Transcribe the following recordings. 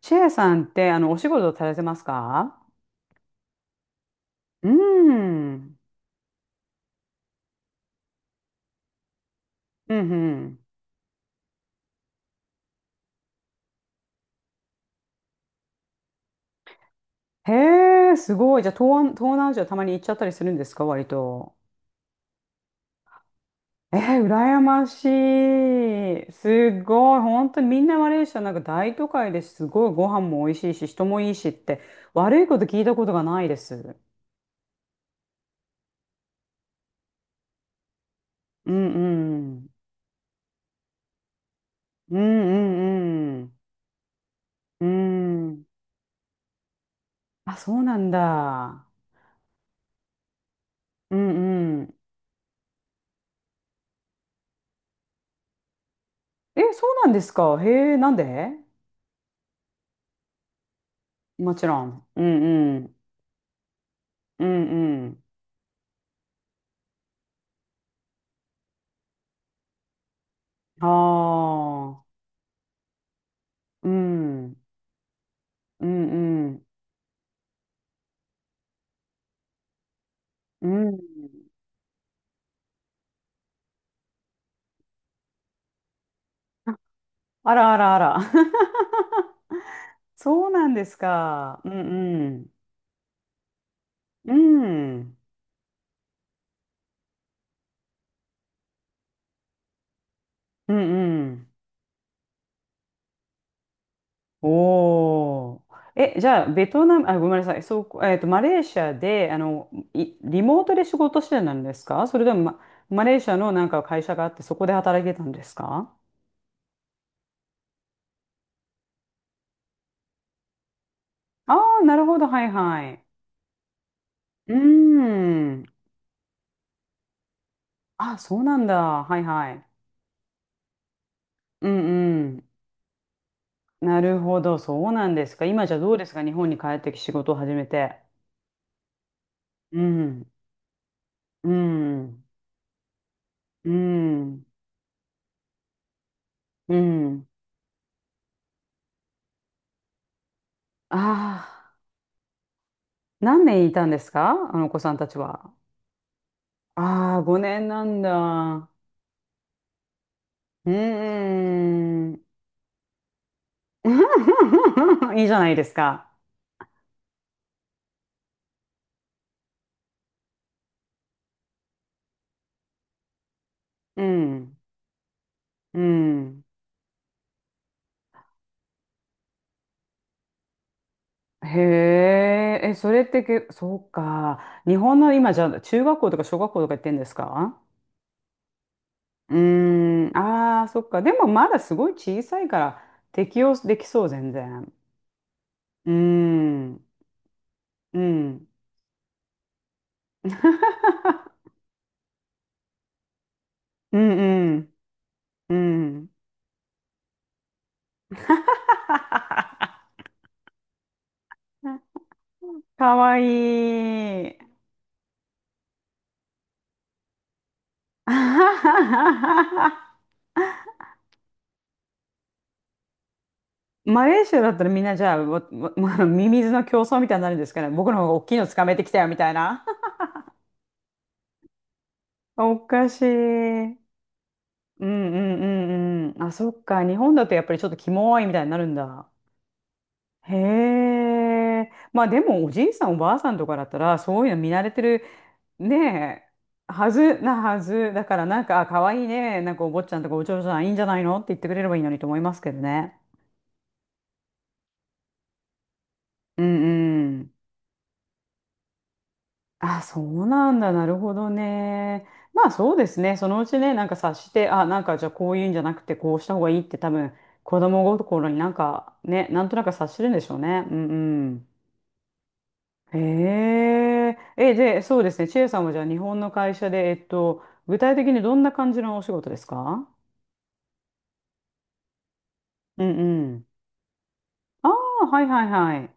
チェアさんって、お仕事されてますか？うーん。うんうん。へえ、すごい。じゃあ、東南アジアたまに行っちゃったりするんですか、割と。えー、羨ましい。すごい。本当にみんなマレーシアなんか大都会です、すごいご飯も美味しいし、人もいいしって、悪いこと聞いたことがないです。うんうん。うんうんうん。うん。あ、そうなんだ。うんうん。え、そうなんですか。へえ、なんで？もちろん。うんうん。うんうん。ああ。うん。うんうん。うん。あらあらあら。そうなんですか。うんうん。うん。うんうん。おお、え、じゃあ、ベトナム、あ、ごめんなさい。そう、マレーシアで、いリモートで仕事してたんですか、それとも、ま、マレーシアのなんか会社があって、そこで働いてたんですか？ああー、なるほど。はいはい。うーん。あ、そうなんだ。はいはい。うんうん。なるほど。そうなんですか。今じゃどうですか、日本に帰ってき仕事を始めて。うん。うん。うん。うん。ああ、何年いたんですか、あのお子さんたちは。ああ、5年なんだ。うーん。いいじゃないですか。うん。うん。へえ、え、それってけ、そうか。日本の今じゃ中学校とか小学校とか行ってんですか？うーん、ああ、そっか。でもまだすごい小さいから適応できそう、全然。うーん、うん。うん、うん、うん。かわいい。マレーシアだったらみんなじゃあ、わわわ ミミズの競争みたいになるんですかね。僕の方が大きいのつかめてきたよみたいな。おかしい。うんうんうんうん。あ、そっか。日本だとやっぱりちょっとキモいみたいになるんだ。へえ。まあでもおじいさんおばあさんとかだったらそういうの見慣れてるねえ、はずな、はずだから、なんかあ可愛いいね、なんかお坊ちゃんとかお嬢さんいいんじゃないのって言ってくれればいいのにと思いますけどね。うんうん。あ、そうなんだ。なるほどね。まあそうですね。そのうちね、なんか察して、あ、なんかじゃあこういうんじゃなくてこうした方がいいって、多分子供心になんかね、なんとなく察してるんでしょうね。うんうん。へえ。え、で、そうですね。チエさんはじゃあ日本の会社で、具体的にどんな感じのお仕事ですか？うんうん。ああ、はいはいはい。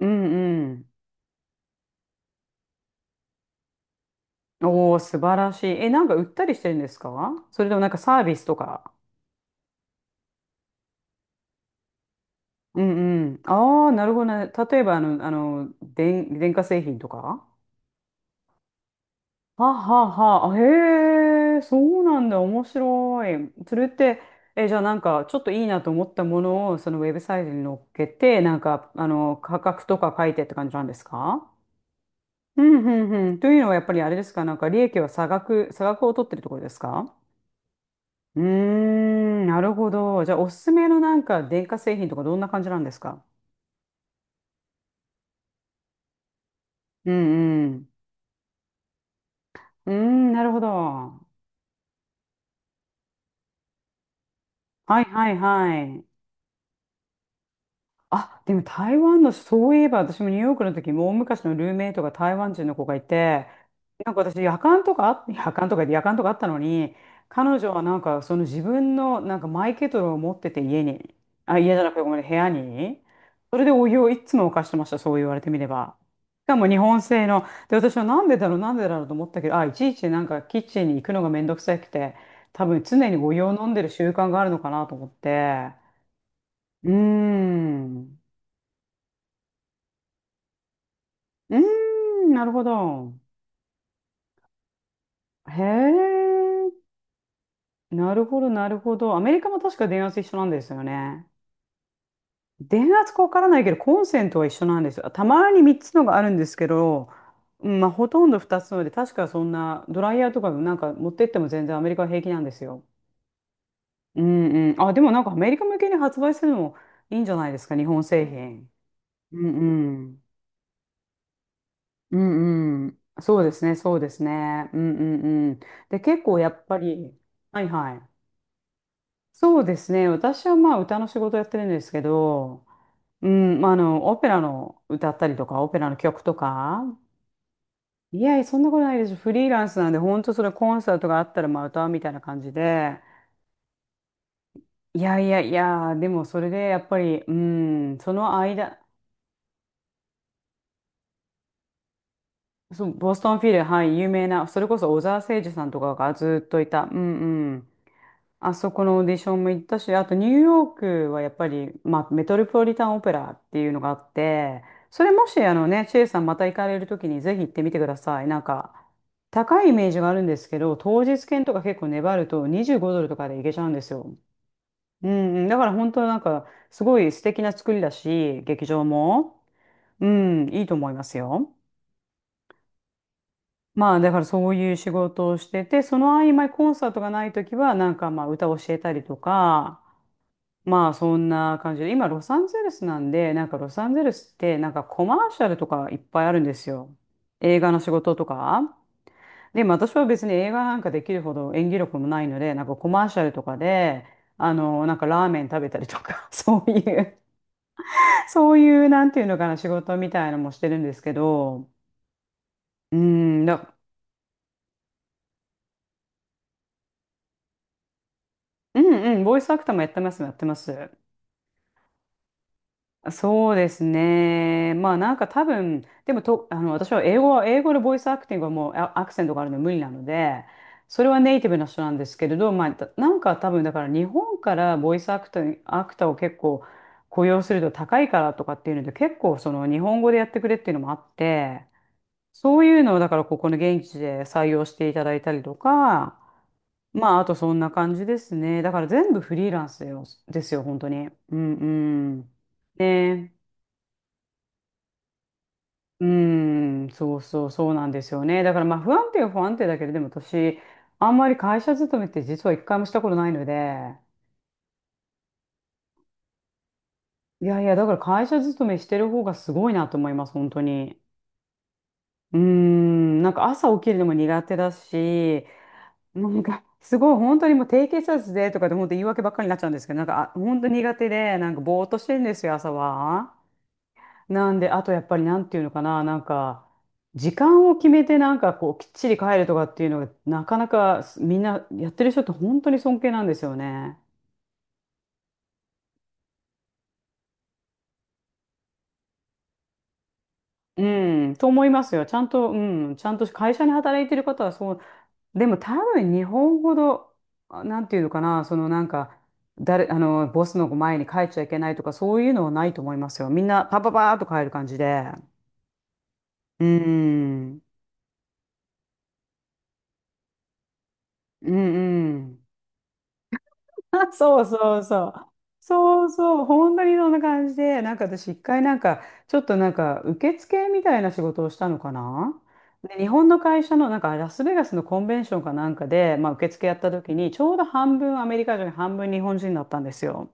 うんうん。おお、素晴らしい。え、なんか売ったりしてるんですか、それともなんかサービスとか。うんうん。ああ、なるほどね。例えばあの、電化製品とか。はあはあはあ、へえ、そうなんだ、面白い。それって、え、じゃあなんか、ちょっといいなと思ったものを、そのウェブサイトに載っけて、なんか、価格とか書いてって感じなんですか？うんうんうん。というのは、やっぱりあれですか、なんか、利益は差額、差額を取ってるところですか？うーん、なるほど。じゃあ、おすすめのなんか、電化製品とか、どんな感じなんですか？うんうん。うーん、なるほど。はいはいはい。あ、でも台湾の、そういえば私もニューヨークの時、も大昔のルーメイトが台湾人の子がいて、なんか私、夜間とかあったのに、彼女はなんかその自分のなんかマイケトルを持ってて家に、あ、家じゃなくてごめんね、部屋に、それでお湯をいつも沸かしてました、そう言われてみれば。しかも日本製の、で、私はなんでだろうと思ったけど、あ、いちいちなんかキッチンに行くのがめんどくさくて、多分常にお湯を飲んでる習慣があるのかなと思って、うーん。うーん、なるほど。へえ、なるほど。アメリカも確か電圧一緒なんですよね。電圧かわからないけど、コンセントは一緒なんですよ。たまに3つのがあるんですけど、うんまあ、ほとんど2つので、確かそんな、ドライヤーとかなんか持ってっても全然アメリカは平気なんですよ。うんうん。あ、でもなんかアメリカ向けに発売するのもいいんじゃないですか、日本製品。うんうん。うんうん。そうですね。うんうんうん。で、結構やっぱり、はいはい。そうですね。私はまあ歌の仕事やってるんですけど、うん、まあ、オペラの歌ったりとか、オペラの曲とか、いやいや、そんなことないです。フリーランスなんで、本当それコンサートがあったらまあ歌うみたいな感じで、いやいやいや、でもそれでやっぱり、うん、その間、そう、ボストンフィル、はい、有名な、それこそ小澤征爾さんとかがずっといた、うんうん。あそこのオーディションも行ったし、あとニューヨークはやっぱり、まあ、メトロポリタンオペラっていうのがあって、それもしあのね、チェイさんまた行かれるときにぜひ行ってみてください。なんか、高いイメージがあるんですけど、当日券とか結構粘ると25ドルとかで行けちゃうんですよ。うんうん、だから本当なんか、すごい素敵な作りだし、劇場も、うん、いいと思いますよ。まあだからそういう仕事をしてて、その合間にコンサートがないときは、なんかまあ歌を教えたりとか、まあそんな感じで、今ロサンゼルスなんで、なんかロサンゼルスってなんかコマーシャルとかいっぱいあるんですよ。映画の仕事とか。でも私は別に映画なんかできるほど演技力もないので、なんかコマーシャルとかで、なんかラーメン食べたりとか、そういうなんていうのかな、仕事みたいなのもしてるんですけど、うん、だ、うんうん、ボイスアクターもやってます、やってます。そうですね。まあなんか多分、でもと、私は英語は、英語のボイスアクティングはもうアクセントがあるの無理なので、それはネイティブな人なんですけれど、まあたなんか多分だから日本からボイスアクター、アクターを結構雇用すると高いからとかっていうので、結構その日本語でやってくれっていうのもあって、そういうのをだからここの現地で採用していただいたりとか、まああとそんな感じですね。だから全部フリーランスですよ、ですよ本当に。うんうん。ねうーん、そうなんですよね。だからまあ不安定は不安定だけど、でも私、あんまり会社勤めって実は一回もしたことないので、いやいや、だから会社勤めしてる方がすごいなと思います、本当に。うーん、なんか朝起きるのも苦手だし、なんかすごい本当にもう低血圧でとかで本当言い訳ばっかりになっちゃうんですけど、なんかあ本当苦手で、なんかぼーっとしてるんですよ、朝は。なんで、あとやっぱりなんていうのかな、なんか、時間を決めてなんかこう、きっちり帰るとかっていうのが、なかなかみんなやってる人って本当に尊敬なんですよね。うん、と思いますよ。ちゃんと会社に働いてる方はそう。でも多分日本ほど、なんていうのかな、そのなんか、誰、あの、ボスの前に帰っちゃいけないとか、そういうのはないと思いますよ。みんなパパパーっと帰る感じで。うん、うん、うん。あ、そうそうそう。そうそう、本当にそんな感じで、なんか私、一回なんか、ちょっとなんか、受付みたいな仕事をしたのかな。で、日本の会社の、なんか、ラスベガスのコンベンションかなんかで、まあ、受付やった時に、ちょうど半分アメリカ人、半分日本人だったんですよ。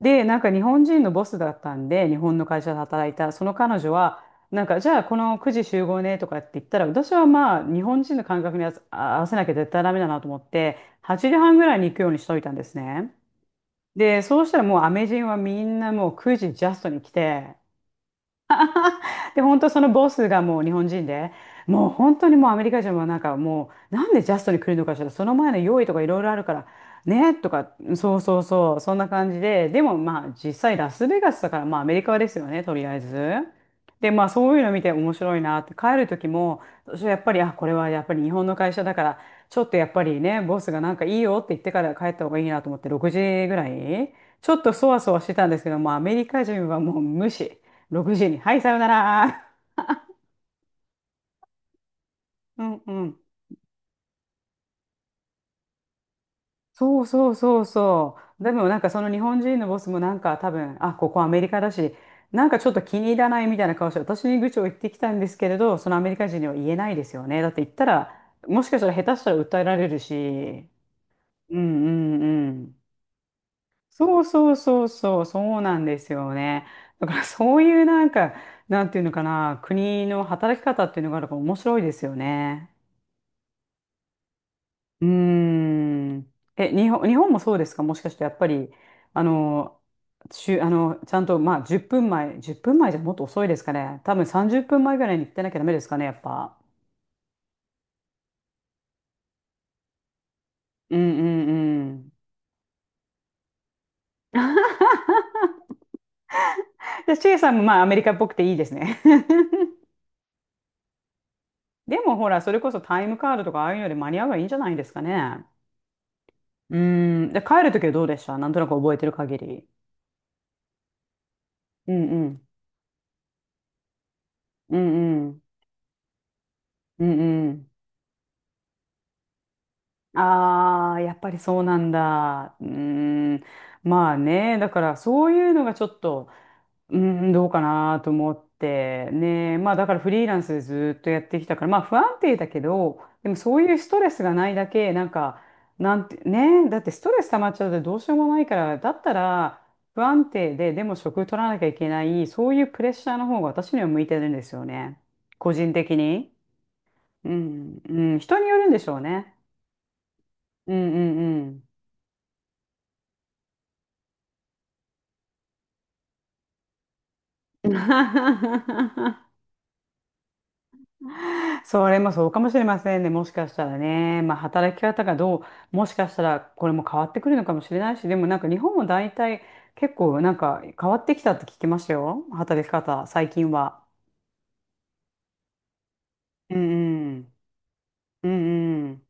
で、なんか、日本人のボスだったんで、日本の会社で働いた、その彼女は、なんか、じゃあ、この9時集合ねとかって言ったら、私はまあ、日本人の感覚に合わせなきゃ絶対ダメだなと思って、8時半ぐらいに行くようにしといたんですね。で、そうしたらもうアメ人はみんなもう9時ジャストに来て、で、本当そのボスがもう日本人で、もう本当にもうアメリカ人はなんかもう、なんでジャストに来るのかしら、その前の用意とかいろいろあるから、ね、とか、そうそうそう、そんな感じで、でもまあ実際ラスベガスだから、まあアメリカですよね、とりあえず。で、まあそういうの見て面白いなって、帰る時も、私はやっぱり、あ、これはやっぱり日本の会社だから、ちょっとやっぱりね、ボスがなんかいいよって言ってから帰った方がいいなと思って、6時ぐらい、ちょっとそわそわしてたんですけど、もうアメリカ人はもう無視。6時に。はい、さよなら。うんうん。そうそうそうそう。でもなんかその日本人のボスもなんか多分、あ、ここアメリカだし、なんかちょっと気に入らないみたいな顔して、私に愚痴を言ってきたんですけれど、そのアメリカ人には言えないですよね。だって言ったら、もしかしたら下手したら訴えられるし。うんうんうん。そうそうそうそう、そうなんですよね。だからそういうなんか、なんていうのかな、国の働き方っていうのがあるから面白いですよね。うーん。え、日本もそうですかもしかしてやっぱり、あの、中、あの、ちゃんと、まあ、10分前じゃもっと遅いですかね。多分30分前ぐらいに行ってなきゃダメですかね、やっぱ。うんうんうん。で、チェイさんもまあ、アメリカっぽくていいですね。でもほら、それこそタイムカードとかああいうので間に合えばいいんじゃないですかね。うーん。で、帰るときはどうでした？なんとなく覚えてる限り。うんうん。うんうん。うんうん。ああ、やっぱりそうなんだ。うーん。まあね、だからそういうのがちょっと、うーどうかなと思って、ね。まあだからフリーランスでずっとやってきたから、まあ不安定だけど、でもそういうストレスがないだけ、なんか、なんて、ね、だってストレス溜まっちゃうとどうしようもないから、だったら不安定で、でも職取らなきゃいけない、そういうプレッシャーの方が私には向いてるんですよね。個人的に。うん、うん、人によるんでしょうね。うんうんうん。それもそうかもしれませんね。もしかしたらね。まあ、働き方がどう、もしかしたらこれも変わってくるのかもしれないし、でもなんか日本も大体結構なんか変わってきたって聞きましたよ。働き方、最近は。うんうん。うんうん。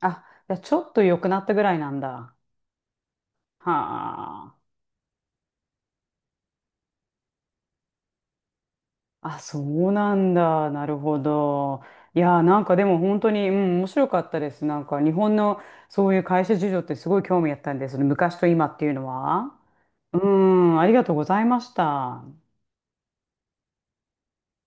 あ、じゃあちょっと良くなったぐらいなんだ。はあ。あ、そうなんだ。なるほど。いやー、なんかでも本当に、うん、面白かったです。なんか日本のそういう会社事情ってすごい興味あったんです。昔と今っていうのは。うん、ありがとうございました。